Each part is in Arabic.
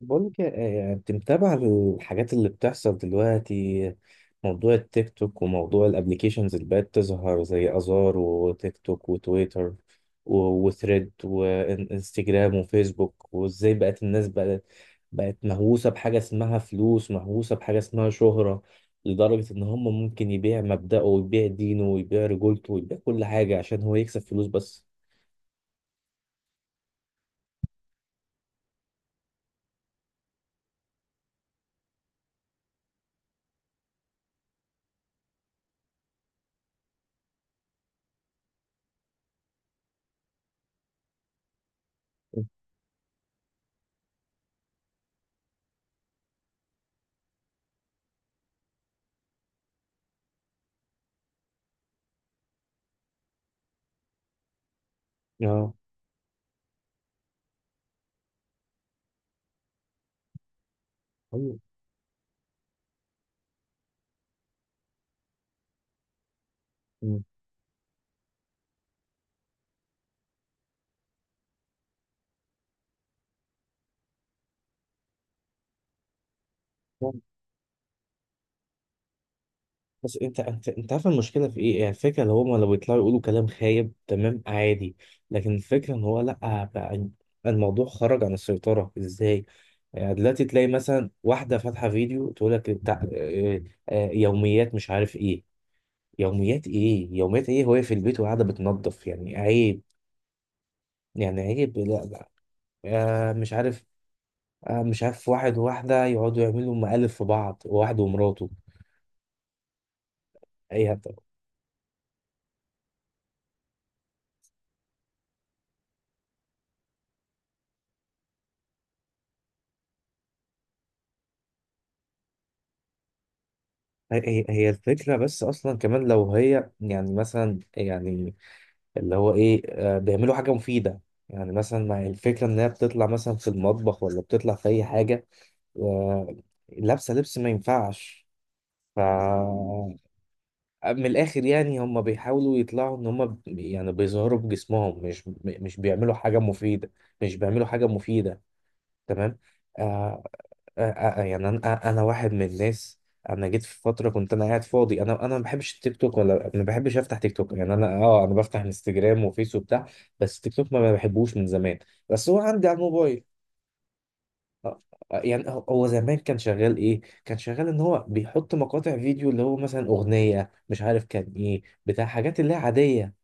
بقولك إيه، إيه، يعني انت متابع الحاجات اللي بتحصل دلوقتي. موضوع التيك توك وموضوع الابليكيشنز اللي بقت تظهر زي ازار وتيك توك وتويتر و- وثريد وانستجرام وفيسبوك، وازاي بقت الناس بقت مهووسة بحاجة اسمها فلوس، مهووسة بحاجة اسمها شهرة، لدرجة ان هم ممكن يبيع مبدأه ويبيع دينه ويبيع رجولته ويبيع كل حاجة عشان هو يكسب فلوس بس. اه. أيوة. بس انت عارف المشكله في ايه، يعني الفكره اللي هما لو يطلعوا يقولوا كلام خايب تمام عادي، لكن الفكره ان هو لا بقى، الموضوع خرج عن السيطره ازاي. يعني دلوقتي تلاقي مثلا واحده فاتحه فيديو تقول لك بتاع اه، يوميات مش عارف ايه، يوميات ايه يوميات ايه، وهي في البيت وقاعده بتنظف، يعني عيب، يعني عيب، لا لا. اه، مش عارف، اه، مش عارف واحد وواحده يقعدوا يعملوا مقالب في بعض، واحد ومراته. ايه، هي الفكرة بس أصلا، كمان لو هي يعني مثلا، يعني اللي هو إيه، بيعملوا حاجة مفيدة. يعني مثلا مع الفكرة إن هي بتطلع مثلا في المطبخ ولا بتطلع في أي حاجة، آه، لابسة لبس ما ينفعش. ف، من الآخر يعني هم بيحاولوا يطلعوا إن هم يعني بيظهروا بجسمهم، مش بيعملوا حاجة مفيدة. مش بيعملوا حاجة مفيدة. تمام. آه، يعني انا، انا واحد من الناس. انا جيت في فتره كنت انا قاعد فاضي، انا ما بحبش التيك توك، ولا ما بحبش افتح تيك توك، يعني انا، اه، انا بفتح انستجرام وفيس وبتاع. بس تيك توك ما بحبوش من زمان، بس هو عندي على الموبايل. آه، يعني هو زمان كان شغال ايه، كان شغال ان هو بيحط مقاطع فيديو اللي هو مثلا اغنيه، مش عارف كان ايه، بتاع حاجات اللي هي عاديه.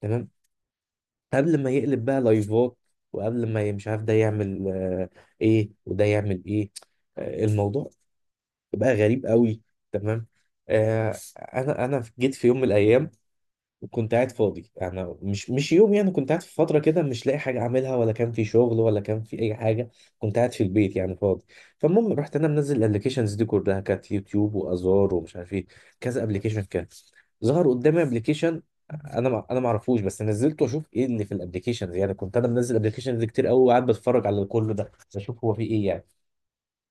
تمام. قبل ما يقلب بقى لايفات، وقبل ما مش عارف ده يعمل ايه وده يعمل ايه. الموضوع بقى غريب قوي. تمام. آه، انا جيت في يوم من الايام، وكنت قاعد فاضي، انا مش يوم، يعني كنت قاعد في فتره كده مش لاقي حاجه اعملها، ولا كان في شغل ولا كان في اي حاجه. كنت قاعد في البيت يعني فاضي. فالمهم رحت انا منزل الابلكيشنز دي كلها، كانت يوتيوب وازار ومش عارف ايه، كذا ابلكيشن. كان ظهر قدامي ابلكيشن، انا ما اعرفوش، بس نزلته اشوف ايه اللي في الابلكيشنز، يعني كنت انا منزل ابلكيشنز كتير قوي، وقاعد بتفرج على كل ده اشوف هو في ايه يعني.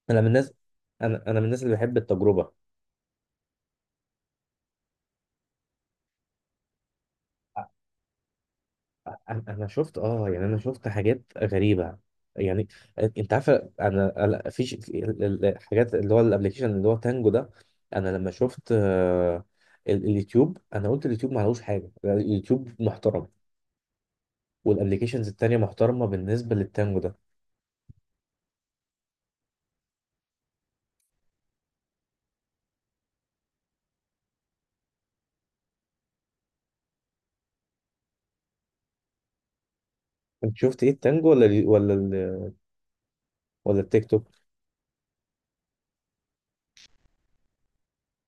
انا من الناس، انا من الناس اللي بحب التجربه. انا أنا شفت، اه يعني انا شفت حاجات غريبه يعني. انت عارفه، انا، في في الحاجات اللي هو الابلكيشن اللي هو تانجو ده، انا لما شفت اليوتيوب، انا قلت اليوتيوب ما عليهوش حاجه، اليوتيوب محترم، والابلكيشنز التانيه محترمه بالنسبه للتانجو ده. انت شفت ايه، التانجو ولا ولا ولا التيك توك؟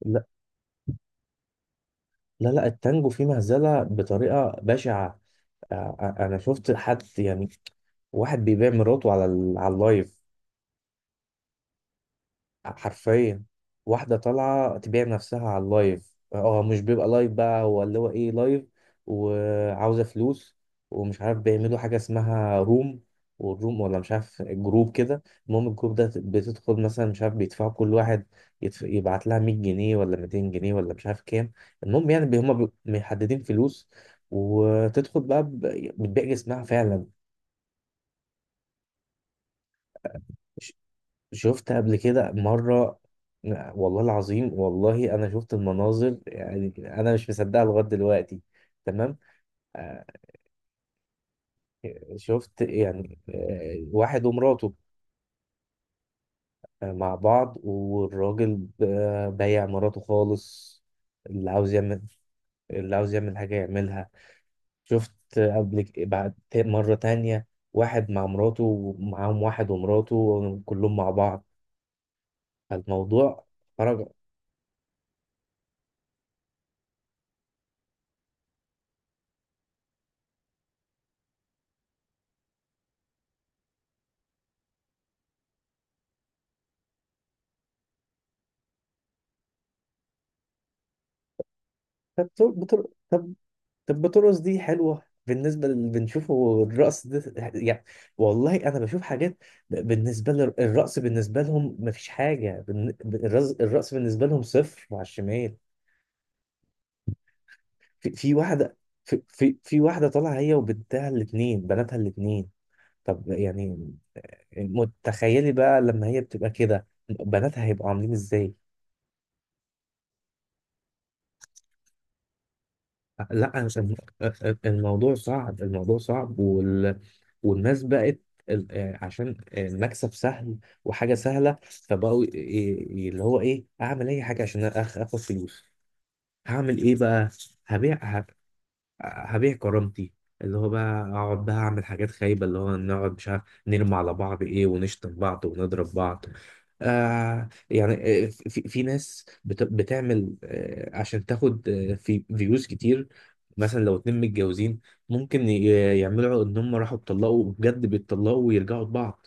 لا لا، التانجو فيه مهزله بطريقه بشعه. انا شفت حد يعني، واحد بيبيع مراته على على اللايف، حرفيا. واحدة طالعة تبيع نفسها على اللايف، اه مش بيبقى لايف بقى، هو اللي هو ايه، لايف، وعاوزة فلوس، ومش عارف بيعملوا حاجة اسمها روم، والروم ولا مش عارف جروب كده. المهم الجروب ده بتدخل، مثلا مش عارف بيدفعوا كل واحد يبعت لها 100 جنيه ولا 200 جنيه ولا مش عارف كام. المهم يعني محددين فلوس، وتدخل بقى بتبيع جسمها فعلا. شفت قبل كده مرة، والله العظيم، والله أنا شفت المناظر يعني، أنا مش مصدقها لغاية دلوقتي. تمام. آه، شفت يعني، واحد ومراته، مع بعض، والراجل بايع مراته خالص. اللي عاوز يعمل، اللي عاوز يعمل حاجة يعملها. شفت قبل بعد مرة تانية، واحد مع مراته ومعاهم واحد ومراته، كلهم مع بعض. فالموضوع خرج. طب طب, طب طب بطرس دي حلوه، بالنسبه اللي بنشوفه الرقص ده يعني. والله انا بشوف حاجات، بالنسبه للرقص، بالنسبه لهم مفيش حاجه، الرقص بالنسبه لهم صفر على الشمال. في, في واحده، في واحده طالعه هي وبنتها الاثنين، بناتها الاثنين. طب يعني متخيلي بقى لما هي بتبقى كده بناتها هيبقوا عاملين ازاي. لا أنا مش- الموضوع صعب، الموضوع صعب، والناس بقت عشان المكسب سهل وحاجة سهلة، فبقوا اللي هو ايه، اعمل اي حاجة عشان اخد فلوس، هعمل ايه بقى، هبيع، هبيع كرامتي، اللي هو بقى اقعد بقى اعمل حاجات خايبه، اللي هو نقعد مش عارف نرمي على بعض ايه، ونشتم بعض ونضرب بعض. آه يعني، في ناس بتعمل آه عشان تاخد آه في فيوز كتير. مثلا لو اتنين متجوزين، ممكن يعملوا ان هم راحوا اتطلقوا بجد، بيتطلقوا ويرجعوا لبعض.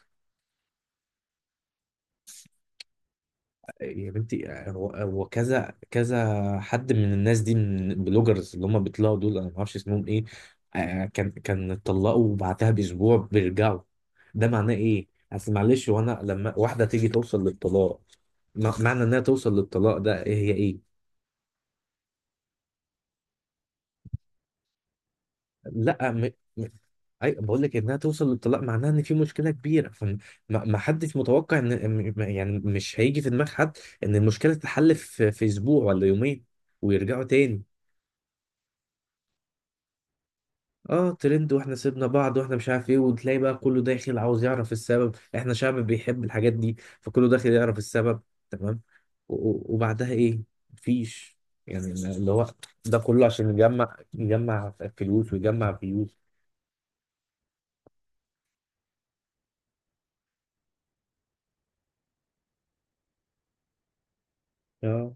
يا بنتي، هو هو كذا حد من الناس دي، من البلوجرز اللي هم بيطلعوا دول، انا ما اعرفش اسمهم ايه، كان اتطلقوا وبعدها باسبوع بيرجعوا. ده معناه ايه؟ اصل معلش، وانا لما واحده تيجي توصل للطلاق، معنى انها توصل للطلاق ده إيه هي ايه؟ لا م... م... اي بقول لك انها توصل للطلاق معناها ان في مشكله كبيره، فما، ما حدش متوقع ان يعني مش هيجي في دماغ حد ان المشكله تتحل في اسبوع ولا يومين ويرجعوا تاني. اه ترند، واحنا سيبنا بعض واحنا مش عارف ايه، وتلاقي بقى كله داخل عاوز يعرف السبب، احنا شعب بيحب الحاجات دي، فكله داخل يعرف السبب. تمام. و- و- وبعدها ايه؟ مفيش، يعني اللي هو ده كله عشان يجمع، يجمع فلوس ويجمع فيوز. اه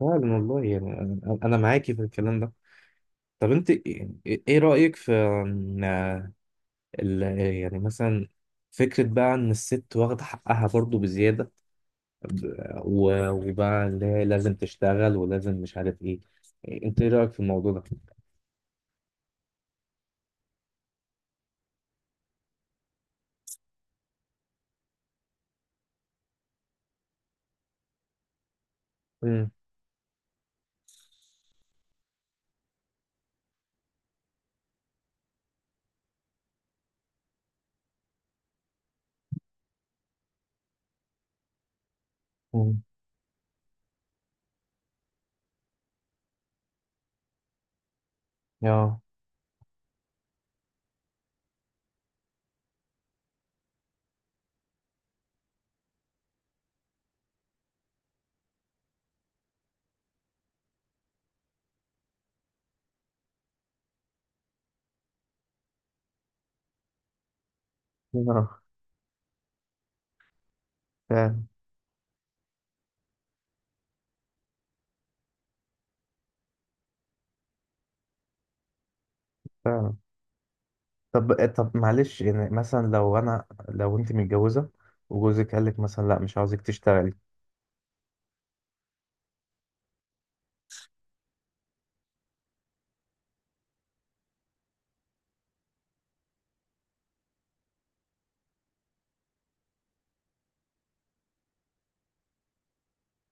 فعلا، والله يعني انا، أنا معاكي في الكلام ده. طب انت ايه، إيه رأيك في، إن، ال- يعني مثلا، فكرة بقى ان الست واخدة حقها برضو بزيادة، وبقى اللي هي لازم تشتغل ولازم مش عارف ايه، انت ايه رأيك في الموضوع ده؟ مم. مم. اه، آه، فعلا، فعلا. طب معلش، يعني مثلا لو انا، لو انت متجوزه وجوزك قال لك مثلا لا مش عاوزك تشتغلي.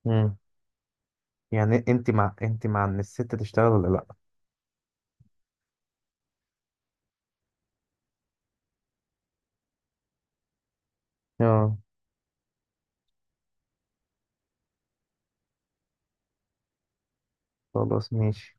مم. يعني انت مع، ان الست تشتغل ولا لا؟ اه، خلاص ماشي.